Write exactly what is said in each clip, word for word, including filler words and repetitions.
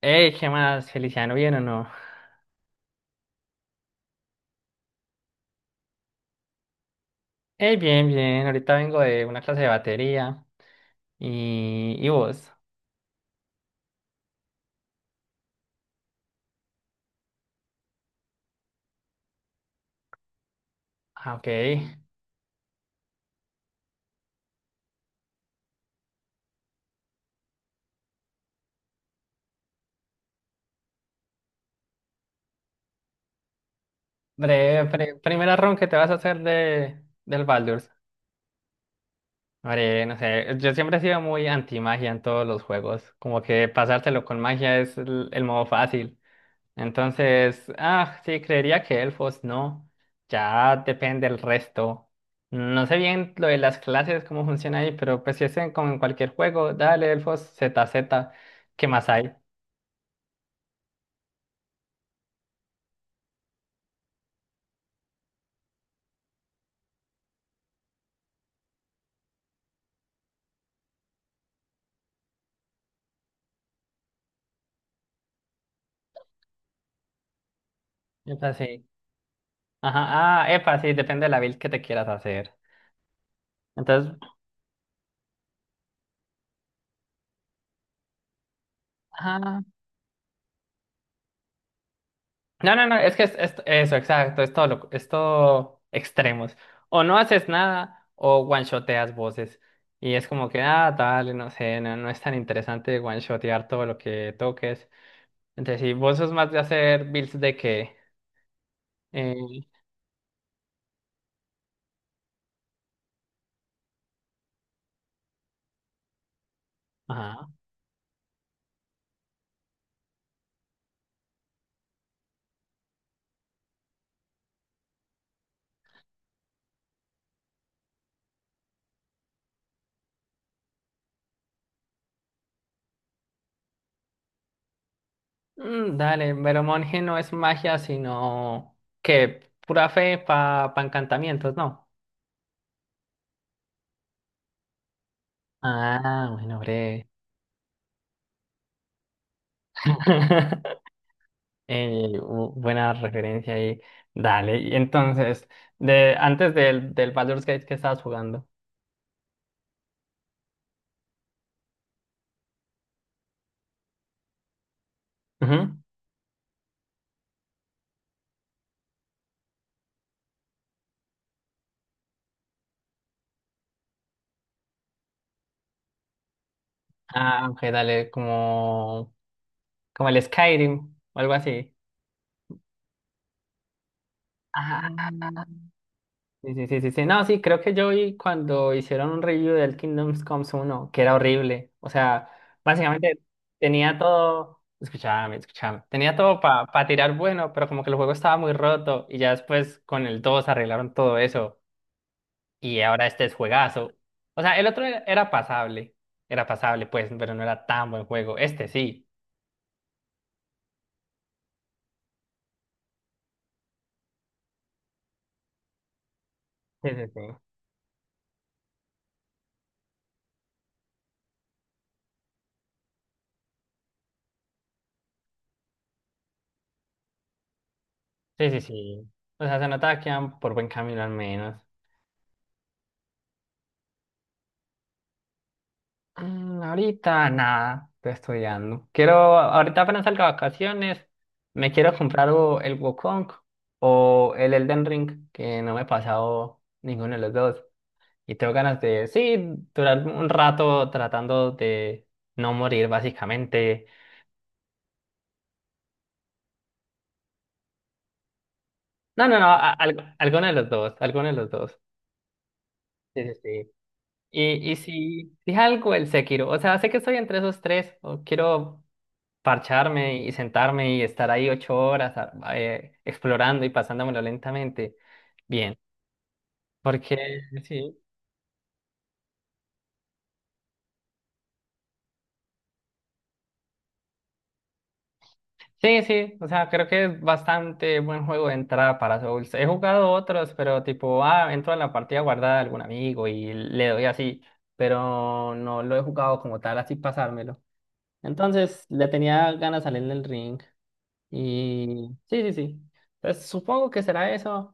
Hey, ¿qué más, Feliciano? ¿Bien o no? Hey, bien, bien. Ahorita vengo de una clase de batería. ¿Y, y vos? Ah, ok. Breve, pre- primera run que te vas a hacer de, del Baldur's. Hombre, no sé. Yo siempre he sido muy anti-magia en todos los juegos. Como que pasárselo con magia es el, el modo fácil. Entonces, ah, sí, creería que elfos no. Ya depende el resto. No sé bien lo de las clases, cómo funciona ahí, pero pues si es en- como en cualquier juego, dale elfos z z, ¿qué más hay? Epa, sí. Ajá, ah, epa, sí, depende de la build que te quieras hacer. Entonces, ajá. No, no, no, es que es, es- eso, exacto, es todo, lo- es todo extremos. O no haces nada o one-shoteas voces. Y es como que, ah, dale, no sé, no, no es tan interesante one-shotear todo lo que toques. Entonces, si vos sos más de hacer builds de que, eh, ajá, mm, dale, pero monje no es magia, sino que pura fe para pa pa encantamientos, ¿no? Ah, bueno, breve. Eh, bu- buena referencia ahí. Dale. Y entonces, de, antes del, del Baldur's Gate que estabas jugando. Ujú. Ah, ok, dale, como, como el Skyrim o algo así. Ah, sí, sí, sí, sí, sí. No, sí, creo que yo vi cuando hicieron un review del Kingdoms Comes uno que era horrible. O sea, básicamente tenía todo, escuchame, escuchame, tenía todo para tirar bueno, pero como que el juego estaba muy roto y ya después con el dos arreglaron todo eso. Y ahora este es juegazo. O sea, el otro era, era pasable. Era pasable, pues, pero no era tan buen juego. Este sí. Sí, sí, sí. Sí, sí, sí. O sea, se notaba que iban por buen camino al menos. Mm, ahorita nada, estoy estudiando. Quiero, ahorita apenas salga de vacaciones, me quiero comprar o el Wukong o el Elden Ring, que no me he pasado ninguno de los dos. Y tengo ganas de, sí, durar un rato tratando de no morir, básicamente. No, no, no, a- al- alguno de los dos, alguno de los dos. Sí, sí, sí. Y, y si, si algo el Sekiro, o sea, sé que estoy entre esos tres, o quiero parcharme y sentarme y estar ahí ocho horas a- eh, explorando y pasándomelo lentamente. Bien, porque sí. Sí, sí, o sea, creo que es bastante buen juego de entrada para Souls. He jugado otros, pero tipo, ah, entro a la partida guardada de algún amigo y le doy así, pero no lo he jugado como tal, así pasármelo. Entonces le tenía ganas de salir del ring. Y sí, sí, sí. Entonces supongo que será eso.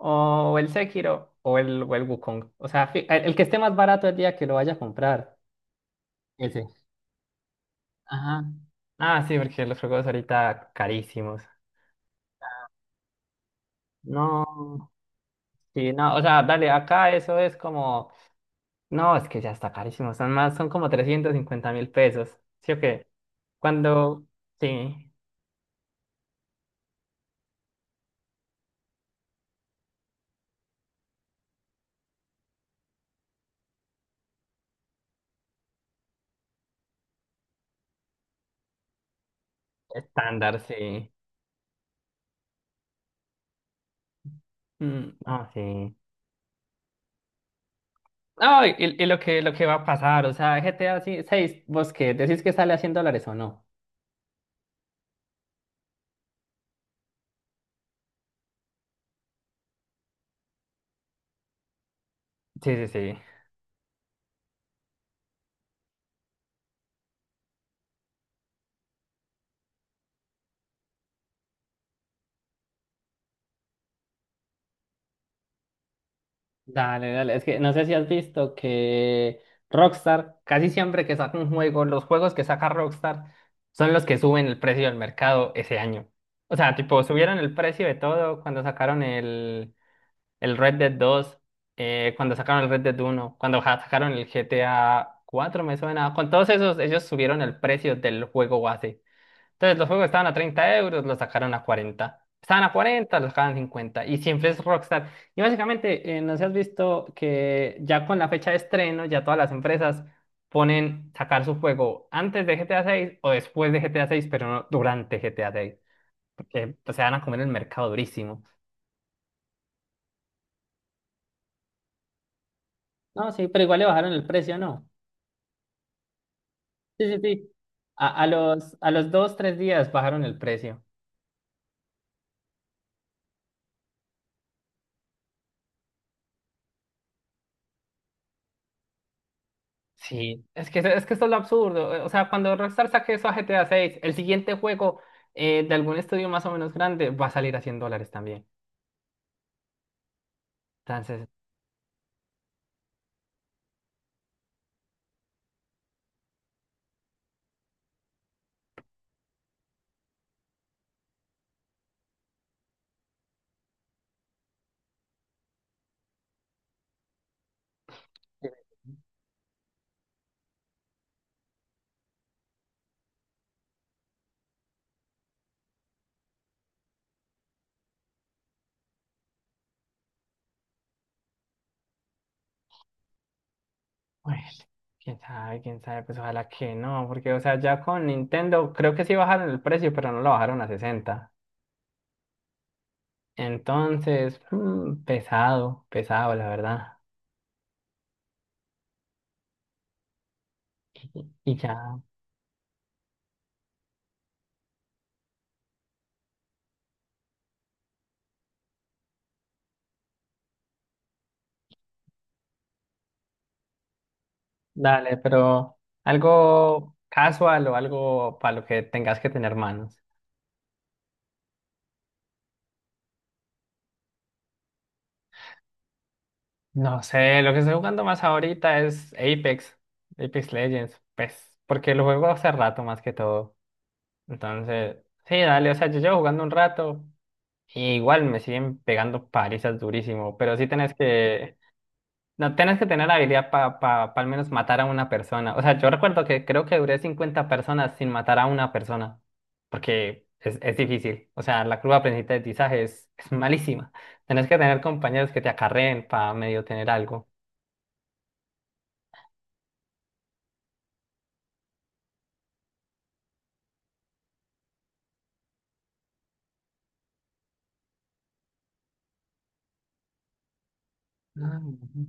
O el Sekiro o el, o el Wukong. O sea, fi- el, el que esté más barato el día que lo vaya a comprar. Ese. Ajá. Ah, sí, porque los juegos ahorita carísimos. No, sí, no. O sea, dale, acá eso es como. No, es que ya está carísimo. Son más, son como trescientos cincuenta mil pesos. ¿Sí o qué? Cuando. Sí, estándar, sí. Mm, ah, sí. No, y, y lo que, lo que va a pasar, o sea, G T A seis, vos qué decís que sale a cien dólares o no. Sí, sí, sí. Dale, dale, es que no sé si has visto que Rockstar, casi siempre que saca un juego, los juegos que saca Rockstar son los que suben el precio del mercado ese año. O sea, tipo, subieron el precio de todo cuando sacaron el, el Red Dead dos, eh, cuando sacaron el Red Dead uno cuando ja- sacaron el G T A cuatro me suena. Con todos esos, ellos subieron el precio del juego base. Entonces los juegos estaban a treinta euros, los sacaron a cuarenta. Estaban a cuarenta, los sacaban a cincuenta. Y siempre es Rockstar. Y básicamente, eh, no sé si has visto que ya con la fecha de estreno, ya todas las empresas ponen sacar su juego antes de G T A seis o después de G T A seis, pero no durante G T A seis. Porque pues, se van a comer el mercado durísimo. No, sí, pero igual le bajaron el precio, ¿no? Sí, sí, sí. A, a los, a los dos, tres días bajaron el precio. Sí, es que, es que esto es lo absurdo. Eh, o sea, cuando Rockstar saque eso a G T A seis, el siguiente juego, eh, de algún estudio más o menos grande va a salir a cien dólares también. Entonces, bueno, quién sabe, quién sabe, pues ojalá que no, porque, o sea, ya con Nintendo creo que sí bajaron el precio, pero no lo bajaron a sesenta. Entonces, mm, pesado, pesado, la verdad. Y ya, dale, pero algo casual o algo para lo que tengas que tener manos. No sé, lo que estoy jugando más ahorita es Apex, Apex Legends, pues, porque lo juego hace rato más que todo. Entonces, sí, dale, o sea, yo llevo jugando un rato y igual me siguen pegando palizas durísimo, pero sí tenés que, no, tenés que tener habilidad para pa, pa pa al menos matar a una persona. O sea, yo recuerdo que creo que duré cincuenta personas sin matar a una persona, porque es, es difícil. O sea, la curva de aprendizaje es, es malísima. Tenés que tener compañeros que te acarreen para medio tener algo. Ah, ujú.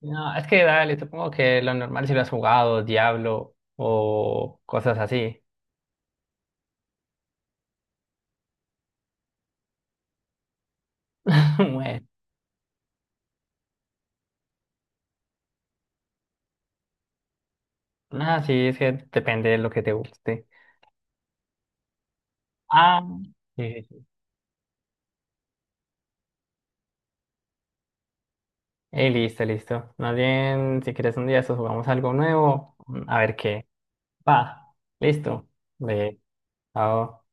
No, es que dale, supongo que lo normal si lo has jugado, Diablo o cosas así. Bueno, nada, sí, es que depende de lo que te guste. Ah, sí, sí, sí. Eh, listo, listo. Más bien, si quieres un día, eso jugamos algo nuevo. A ver qué. Va, listo. Ve, chao.